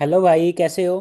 Hello भाई कैसे हो।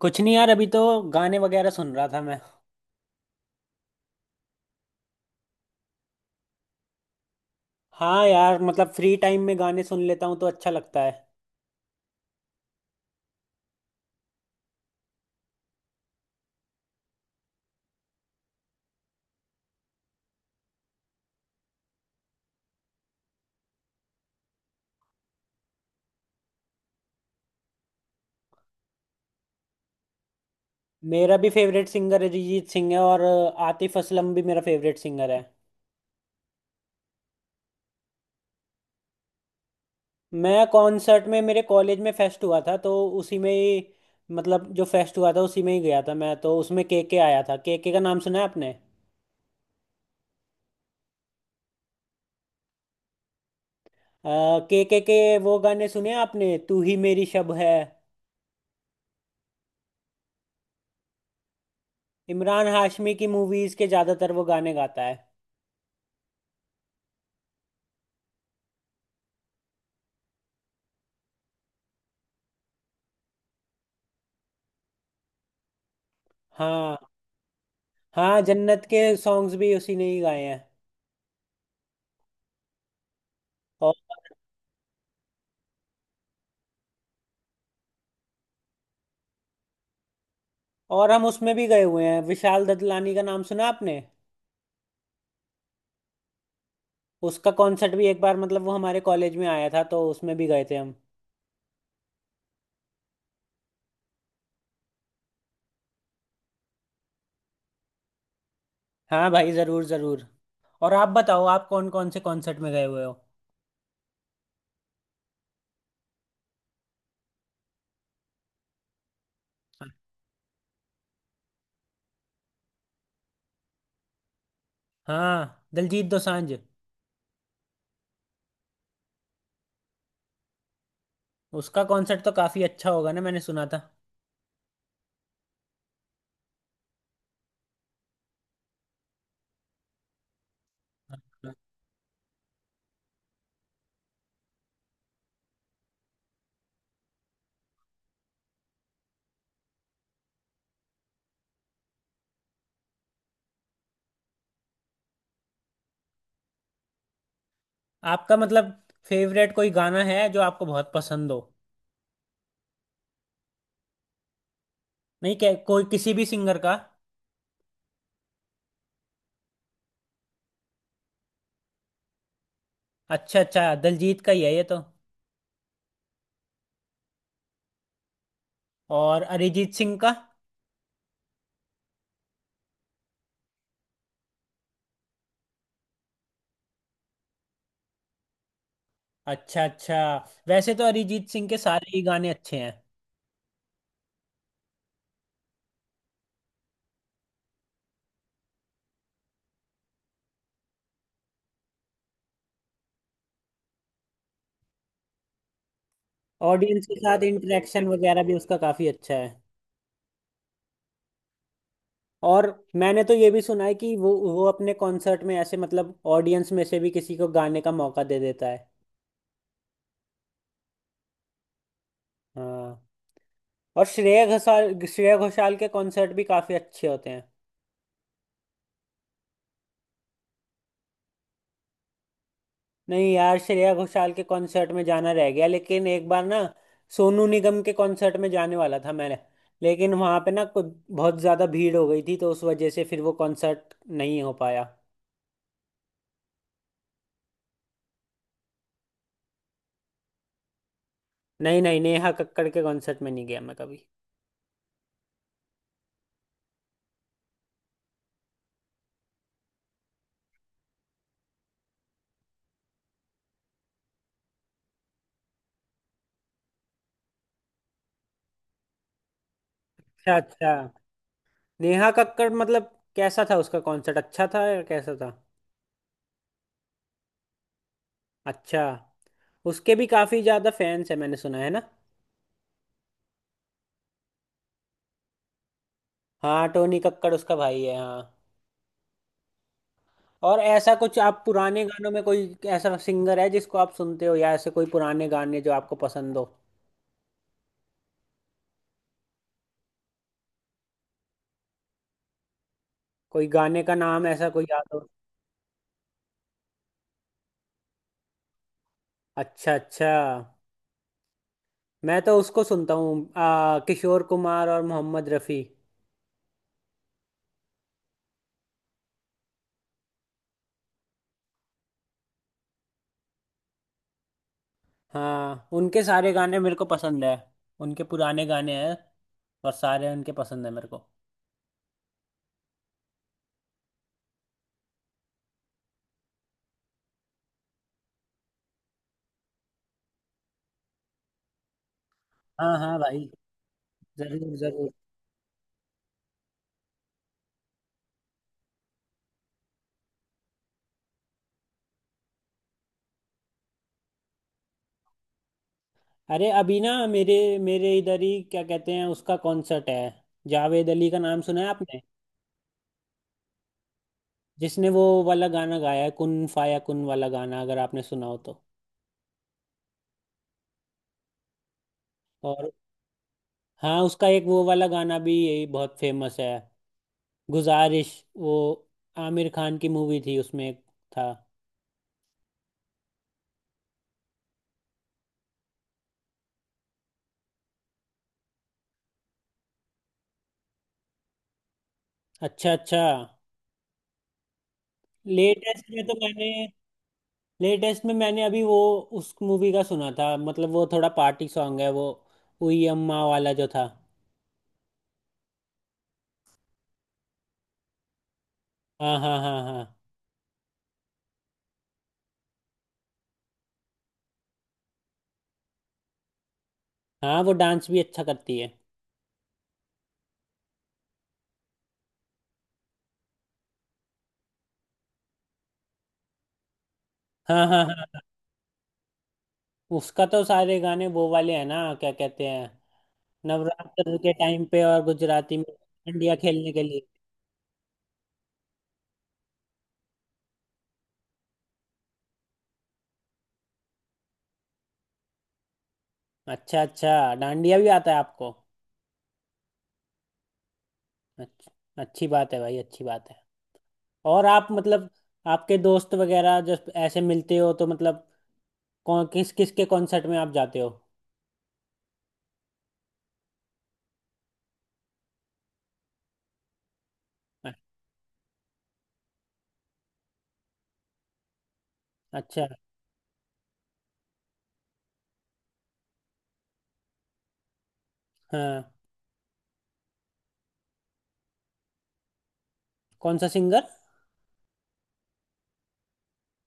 कुछ नहीं यार अभी तो गाने वगैरह सुन रहा था मैं। हाँ यार मतलब फ्री टाइम में गाने सुन लेता हूँ तो अच्छा लगता है। मेरा भी फेवरेट सिंगर अरिजीत सिंह है और आतिफ असलम भी मेरा फेवरेट सिंगर है। मैं कॉन्सर्ट में मेरे कॉलेज में फेस्ट हुआ था तो उसी में ही मतलब जो फेस्ट हुआ था उसी में ही गया था मैं तो उसमें के आया था। के का नाम सुना है आपने। के वो गाने सुने आपने तू ही मेरी शब है। इमरान हाशमी की मूवीज़ के ज़्यादातर वो गाने गाता है। हाँ। हाँ जन्नत के सॉन्ग्स भी उसी ने ही गाए हैं। और और हम उसमें भी गए हुए हैं। विशाल ददलानी का नाम सुना आपने। उसका कॉन्सर्ट भी एक बार मतलब वो हमारे कॉलेज में आया था तो उसमें भी गए थे हम। हाँ भाई ज़रूर ज़रूर। और आप बताओ आप कौन कौन से कॉन्सर्ट में गए हुए हो। हाँ दिलजीत दोसांझ। उसका कॉन्सर्ट तो काफ़ी अच्छा होगा ना मैंने सुना था। हाँ। आपका मतलब फेवरेट कोई गाना है जो आपको बहुत पसंद हो। नहीं क्या कोई किसी भी सिंगर का। अच्छा अच्छा दिलजीत का ही है ये तो। और अरिजीत सिंह का। अच्छा अच्छा। वैसे तो अरिजीत सिंह के सारे ही गाने अच्छे हैं। ऑडियंस के साथ इंटरेक्शन वगैरह भी उसका काफी अच्छा है। और मैंने तो ये भी सुना है कि वो अपने कॉन्सर्ट में ऐसे मतलब ऑडियंस में से भी किसी को गाने का मौका दे देता है। हाँ। और श्रेया घोषाल के कॉन्सर्ट भी काफी अच्छे होते हैं। नहीं यार श्रेया घोषाल के कॉन्सर्ट में जाना रह गया। लेकिन एक बार ना सोनू निगम के कॉन्सर्ट में जाने वाला था मैंने। लेकिन वहां पे ना कुछ बहुत ज्यादा भीड़ हो गई थी तो उस वजह से फिर वो कॉन्सर्ट नहीं हो पाया। नहीं नहीं नेहा कक्कड़ के कॉन्सर्ट में नहीं गया मैं कभी। अच्छा अच्छा। नेहा कक्कड़ मतलब कैसा था उसका कॉन्सर्ट अच्छा था या कैसा था। अच्छा। उसके भी काफी ज्यादा फैंस है मैंने सुना है ना। हाँ टोनी कक्कड़ उसका भाई है हाँ। और ऐसा कुछ आप पुराने गानों में कोई ऐसा सिंगर है जिसको आप सुनते हो या ऐसे कोई पुराने गाने जो आपको पसंद हो। कोई गाने का नाम ऐसा कोई याद हो। अच्छा अच्छा। मैं तो उसको सुनता हूँ किशोर कुमार और मोहम्मद रफ़ी। हाँ उनके सारे गाने मेरे को पसंद है। उनके पुराने गाने हैं और सारे उनके पसंद है मेरे को। हाँ हाँ भाई जरूर जरूर। अरे अभी ना मेरे मेरे इधर ही क्या कहते हैं उसका कॉन्सर्ट है। जावेद अली का नाम सुना है आपने। जिसने वो वाला गाना गाया है कुन फाया कुन वाला गाना अगर आपने सुना हो तो। और हाँ उसका एक वो वाला गाना भी यही बहुत फेमस है। गुजारिश। वो आमिर खान की मूवी थी उसमें एक था। अच्छा अच्छा। लेटेस्ट में तो मैंने लेटेस्ट में मैंने अभी वो उस मूवी का सुना था। मतलब वो थोड़ा पार्टी सॉन्ग है वो। उई अम्मा वाला जो था। हाँ हाँ हाँ हाँ हाँ। वो डांस भी अच्छा करती है। हाँ हाँ हाँ। उसका तो सारे गाने वो वाले हैं ना क्या कहते हैं नवरात्र के टाइम पे और गुजराती में। डांडिया खेलने के लिए। अच्छा अच्छा। डांडिया भी आता है आपको। अच्छा। अच्छी बात है भाई अच्छी बात है। और आप मतलब आपके दोस्त वगैरह जब ऐसे मिलते हो तो मतलब कौन किस किस के कॉन्सर्ट में आप जाते हो। अ- अच्छा। हाँ कौन सा सिंगर।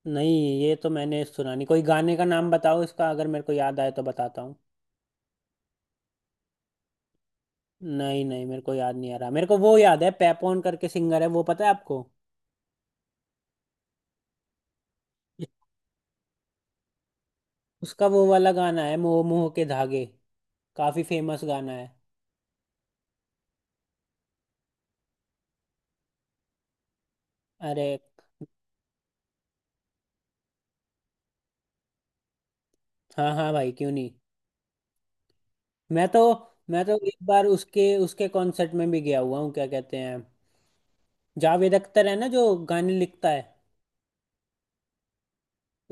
नहीं ये तो मैंने सुना नहीं। कोई गाने का नाम बताओ इसका अगर मेरे को याद आए तो बताता हूँ। नहीं नहीं मेरे को याद नहीं आ रहा। मेरे को वो याद है पैपॉन करके सिंगर है वो पता है आपको। उसका वो वाला गाना है मोह मोह के धागे। काफी फेमस गाना है। अरे हाँ हाँ भाई क्यों नहीं। मैं तो मैं तो एक बार उसके उसके कॉन्सर्ट में भी गया हुआ हूँ क्या कहते हैं जावेद अख्तर है ना जो गाने लिखता है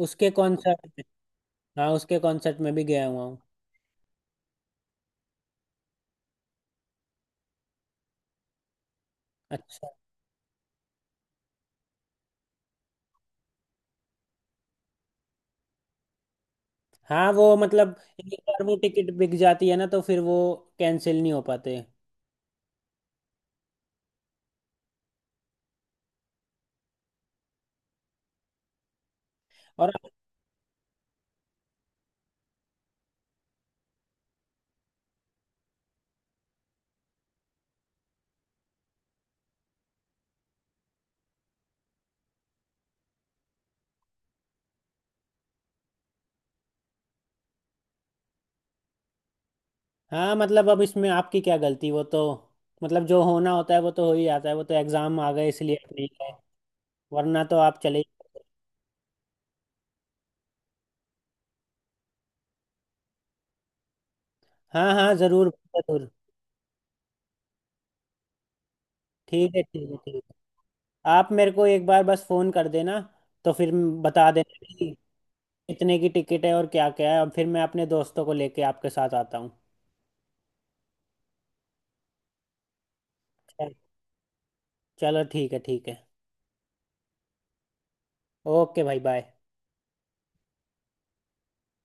उसके कॉन्सर्ट में। हाँ उसके कॉन्सर्ट में भी गया हुआ हूँ। अच्छा। हाँ वो मतलब एक बार वो टिकट बिक जाती है ना तो फिर वो कैंसिल नहीं हो पाते। और हाँ मतलब अब इसमें आपकी क्या गलती। वो तो मतलब जो होना होता है वो तो हो ही जाता है। वो तो एग्जाम आ गए इसलिए आप नहीं गए वरना तो आप चले ही जाते। हाँ हाँ जरूर जरूर। ठीक है ठीक है ठीक है। आप मेरे को एक बार बस फोन कर देना तो फिर बता देना कि कितने की टिकट है और क्या क्या है और फिर मैं अपने दोस्तों को लेके आपके साथ आता हूँ। चल- चलो ठीक है ठीक है। ओके भाई बाय।